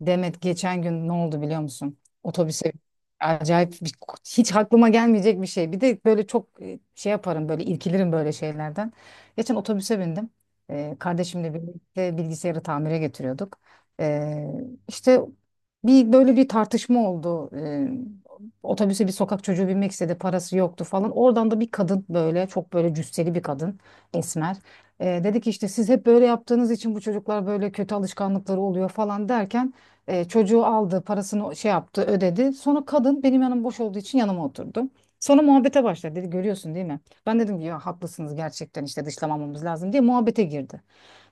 Demet geçen gün ne oldu biliyor musun? Otobüse acayip bir- hiç aklıma gelmeyecek bir şey. Bir de böyle çok şey yaparım böyle irkilirim böyle şeylerden. Geçen otobüse bindim. Kardeşimle birlikte bilgisayarı tamire getiriyorduk. Ee, işte böyle bir tartışma oldu. Otobüse bir sokak çocuğu binmek istedi, parası yoktu falan. Oradan da bir kadın, böyle çok böyle cüsseli bir kadın, esmer. Dedi ki işte siz hep böyle yaptığınız için bu çocuklar böyle kötü alışkanlıkları oluyor falan derken çocuğu aldı, parasını şey yaptı, ödedi. Sonra kadın, benim yanım boş olduğu için, yanıma oturdu. Sonra muhabbete başladı. Dedi görüyorsun değil mi? Ben dedim ki ya haklısınız gerçekten, işte dışlamamamız lazım, diye muhabbete girdi.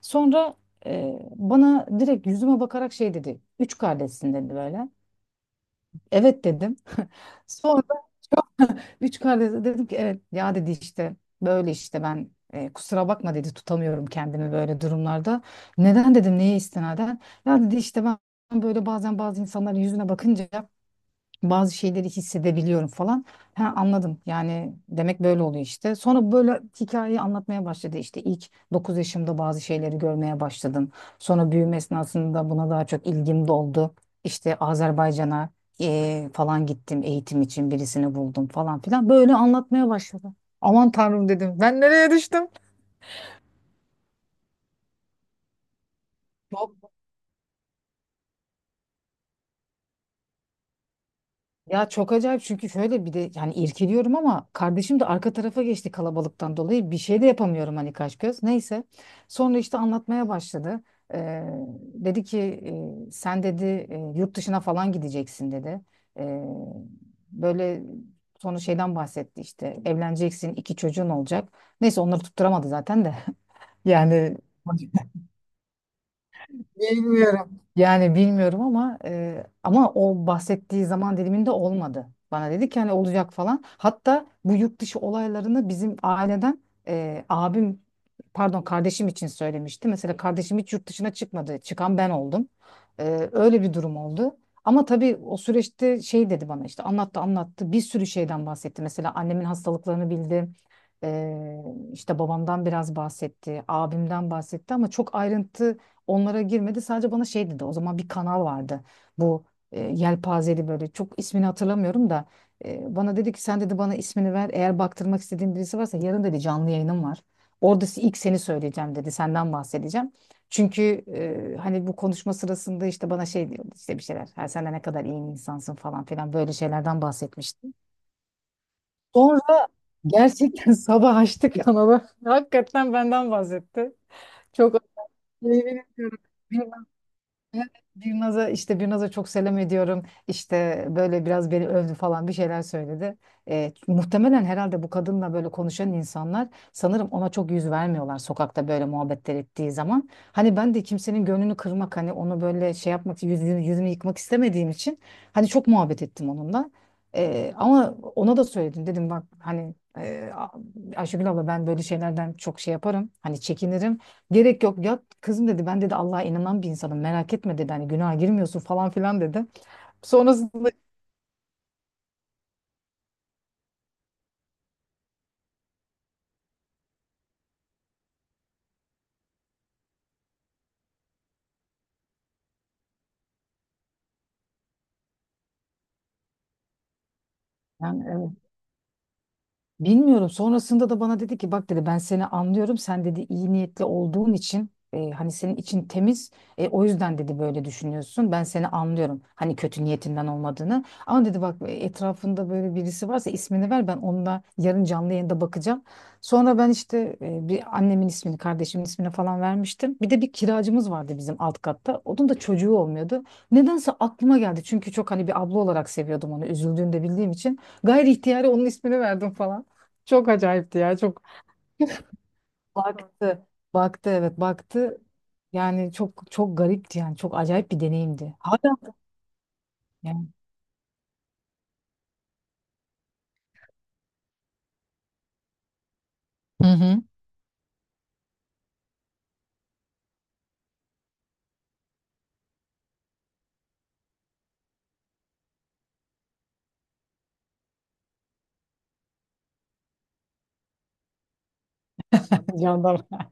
Sonra bana direkt yüzüme bakarak şey dedi. Üç kardeşsin dedi böyle. Evet dedim. Sonra üç kardeş dedim ki, evet ya dedi, işte böyle işte ben kusura bakma dedi, tutamıyorum kendimi böyle durumlarda. Neden dedim, neye istinaden? Ya dedi işte ben böyle bazen bazı insanların yüzüne bakınca bazı şeyleri hissedebiliyorum falan. Ha, anladım, yani demek böyle oluyor işte. Sonra böyle hikayeyi anlatmaya başladı. İşte ilk 9 yaşımda bazı şeyleri görmeye başladım. Sonra büyüme esnasında buna daha çok ilgim doldu. İşte Azerbaycan'a falan gittim eğitim için, birisini buldum falan filan, böyle anlatmaya başladı. Aman tanrım dedim, ben nereye düştüm? Çok Ya çok acayip, çünkü şöyle bir de yani irkiliyorum ama kardeşim de arka tarafa geçti kalabalıktan dolayı, bir şey de yapamıyorum hani, kaş göz. Neyse, sonra işte anlatmaya başladı. Ee, Dedi ki sen dedi, yurt dışına falan gideceksin dedi. Ee, Böyle sonra şeyden bahsetti, işte evleneceksin, iki çocuğun olacak. Neyse, onları tutturamadı zaten de yani Bilmiyorum. Yani bilmiyorum ama ama o bahsettiği zaman diliminde olmadı. Bana dedi ki hani olacak falan. Hatta bu yurt dışı olaylarını bizim aileden, abim pardon kardeşim için söylemişti. Mesela kardeşim hiç yurt dışına çıkmadı. Çıkan ben oldum. Öyle bir durum oldu. Ama tabii o süreçte şey dedi bana, işte anlattı anlattı, bir sürü şeyden bahsetti. Mesela annemin hastalıklarını bildi. E, işte babamdan biraz bahsetti, abimden bahsetti, ama çok ayrıntı onlara girmedi. Sadece bana şey dedi. O zaman bir kanal vardı. Bu yelpazeli, böyle, çok ismini hatırlamıyorum da, bana dedi ki sen dedi, bana ismini ver. Eğer baktırmak istediğin birisi varsa, yarın dedi, canlı yayınım var. Orada ilk seni söyleyeceğim dedi. Senden bahsedeceğim. Çünkü hani bu konuşma sırasında işte bana şey diyordu, işte bir şeyler. Ha, sen de ne kadar iyi bir insansın falan filan, böyle şeylerden bahsetmişti. Sonra gerçekten sabah açtık kanalı. Hakikaten benden bahsetti. Çok Yemin ediyorum. Evet, Birnaz'a, işte Birnaz'a çok selam ediyorum. İşte böyle biraz beni övdü falan, bir şeyler söyledi. Muhtemelen herhalde bu kadınla böyle konuşan insanlar, sanırım ona çok yüz vermiyorlar sokakta böyle muhabbetler ettiği zaman. Hani ben de kimsenin gönlünü kırmak, hani onu böyle şey yapmak, yüzünü yıkmak istemediğim için hani çok muhabbet ettim onunla. Ama ona da söyledim, dedim bak hani Ayşegül abla, ben böyle şeylerden çok şey yaparım, hani çekinirim. Gerek yok ya kızım dedi, ben dedi Allah'a inanan bir insanım, merak etme dedi, hani günaha girmiyorsun falan filan dedi. Sonrasında yani Bilmiyorum. Sonrasında da bana dedi ki, bak dedi, ben seni anlıyorum. Sen dedi iyi niyetli olduğun için, hani senin için temiz. O yüzden dedi böyle düşünüyorsun. Ben seni anlıyorum. Hani kötü niyetinden olmadığını. Ama dedi bak, etrafında böyle birisi varsa ismini ver. Ben onunla yarın canlı yayında bakacağım. Sonra ben işte bir annemin ismini, kardeşimin ismini falan vermiştim. Bir de bir kiracımız vardı bizim alt katta. Onun da çocuğu olmuyordu. Nedense aklıma geldi. Çünkü çok, hani bir abla olarak seviyordum onu. Üzüldüğünü de bildiğim için. Gayri ihtiyari onun ismini verdim falan. Çok acayipti ya, çok. Baktı. Baktı, evet, baktı. Yani çok çok garipti, yani çok acayip bir deneyimdi. Hala yani. Hı hı. Jandarma.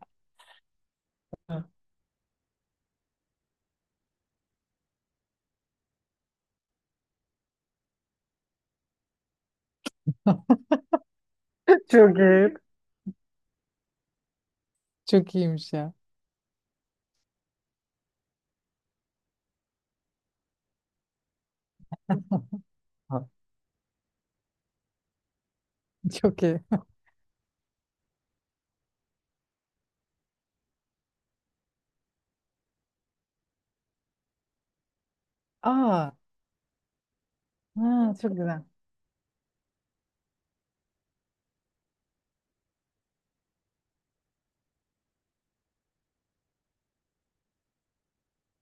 Çok iyi. Çok iyiymiş ya. Ha. Çok iyi. Aa, ha, çok güzel.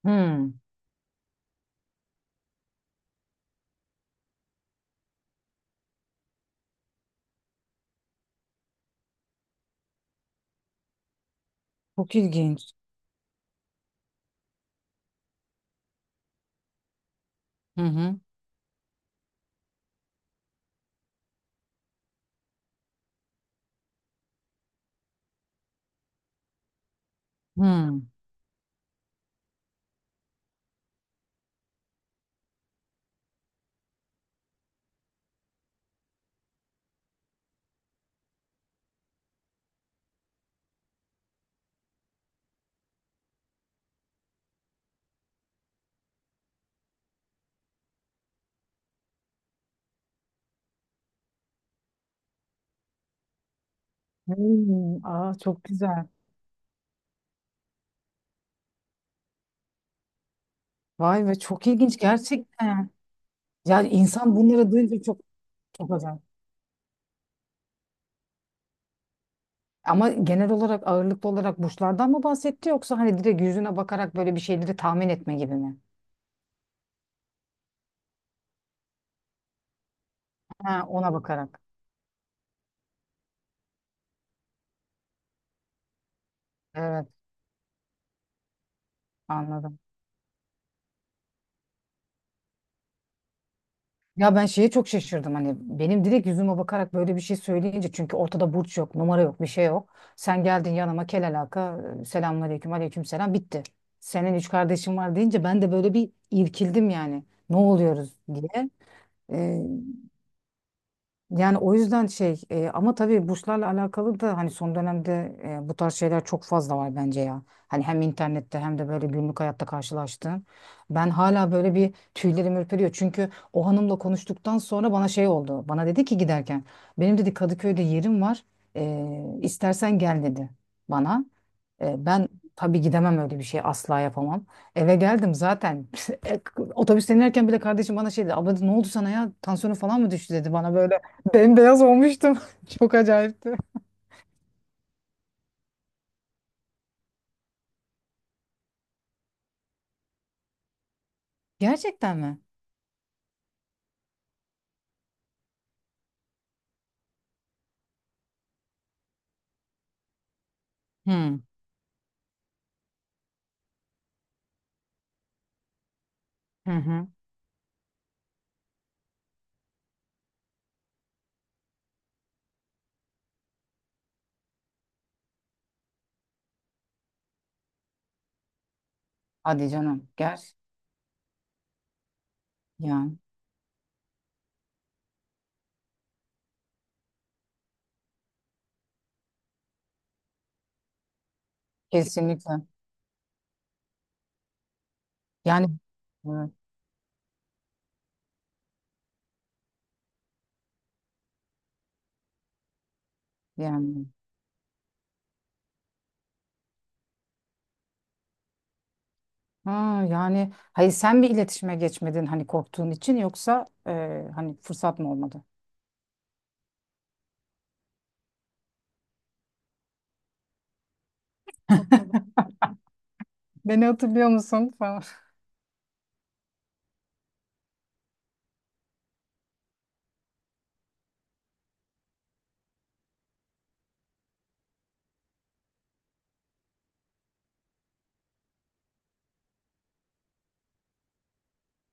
Hmm, çok ilginç. Hı hı. Hmm. Hmm, aa, çok güzel. Vay be, çok ilginç gerçekten. Yani insan bunları duyunca çok, çok acayip. Ama genel olarak ağırlıklı olarak burçlardan mı bahsetti, yoksa hani direkt yüzüne bakarak böyle bir şeyleri tahmin etme gibi mi? Ha, ona bakarak. Evet, anladım. Ya ben şeye çok şaşırdım, hani benim direkt yüzüme bakarak böyle bir şey söyleyince, çünkü ortada burç yok, numara yok, bir şey yok. Sen geldin yanıma kel alaka, selamünaleyküm, aleyküm selam, bitti. Senin üç kardeşin var deyince, ben de böyle bir irkildim yani. Ne oluyoruz diye. Yani o yüzden şey, ama tabii burslarla alakalı da hani son dönemde bu tarz şeyler çok fazla var bence ya. Hani hem internette hem de böyle günlük hayatta karşılaştığım. Ben hala böyle bir, tüylerim ürperiyor. Çünkü o hanımla konuştuktan sonra bana şey oldu. Bana dedi ki giderken, benim dedi Kadıköy'de yerim var. İstersen gel dedi bana. Ben tabii gidemem, öyle bir şey asla yapamam. Eve geldim zaten. Otobüsten inerken bile kardeşim bana şey dedi. Abla dedi, ne oldu sana ya? Tansiyonun falan mı düştü dedi bana böyle. Bembeyaz olmuştum. Çok acayipti. Gerçekten mi? Hmm. Hı hı. Hadi canım. Gel. Yani kesinlikle. Yani evet, yani. Ha, yani hayır, sen bir iletişime geçmedin hani korktuğun için, yoksa hani fırsat mı olmadı? Beni hatırlıyor musun falan.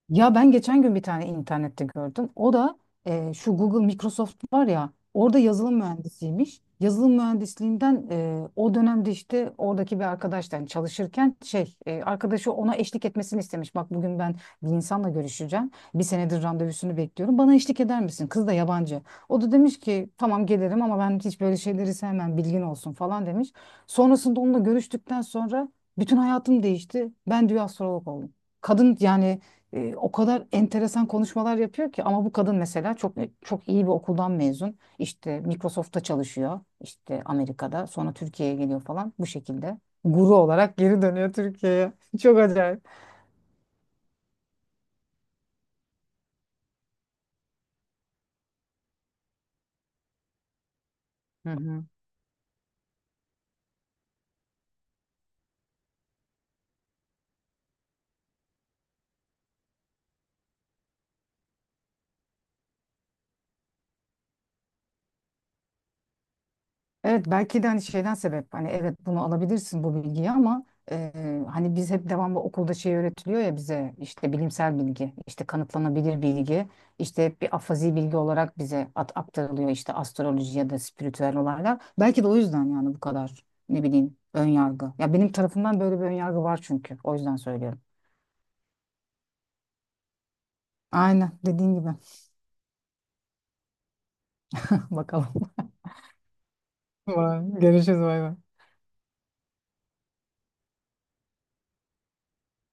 Ya ben geçen gün bir tane internette gördüm. O da şu Google Microsoft var ya, orada yazılım mühendisiymiş. Yazılım mühendisliğinden, o dönemde işte oradaki bir arkadaştan, çalışırken şey, arkadaşı ona eşlik etmesini istemiş. Bak bugün ben bir insanla görüşeceğim. Bir senedir randevusunu bekliyorum. Bana eşlik eder misin? Kız da yabancı. O da demiş ki tamam gelirim, ama ben hiç böyle şeyleri sevmem, bilgin olsun falan demiş. Sonrasında onunla görüştükten sonra bütün hayatım değişti. Ben, diyor, astrolog oldum. Kadın yani o kadar enteresan konuşmalar yapıyor ki, ama bu kadın mesela çok, çok iyi bir okuldan mezun. İşte Microsoft'ta çalışıyor. İşte Amerika'da. Sonra Türkiye'ye geliyor falan, bu şekilde. Guru olarak geri dönüyor Türkiye'ye. Çok acayip. Hı hı. Evet, belki de hani şeyden sebep, hani evet bunu alabilirsin bu bilgiyi, ama hani biz hep devamlı okulda şey öğretiliyor ya, bize işte bilimsel bilgi, işte kanıtlanabilir bilgi, işte hep bir afazi bilgi olarak bize aktarılıyor, işte astroloji ya da spiritüel olaylar, belki de o yüzden yani bu kadar, ne bileyim, ön yargı ya, benim tarafımdan böyle bir ön yargı var, çünkü o yüzden söylüyorum. Aynen dediğin gibi. Bakalım. Vay, görüşürüz, bay bay.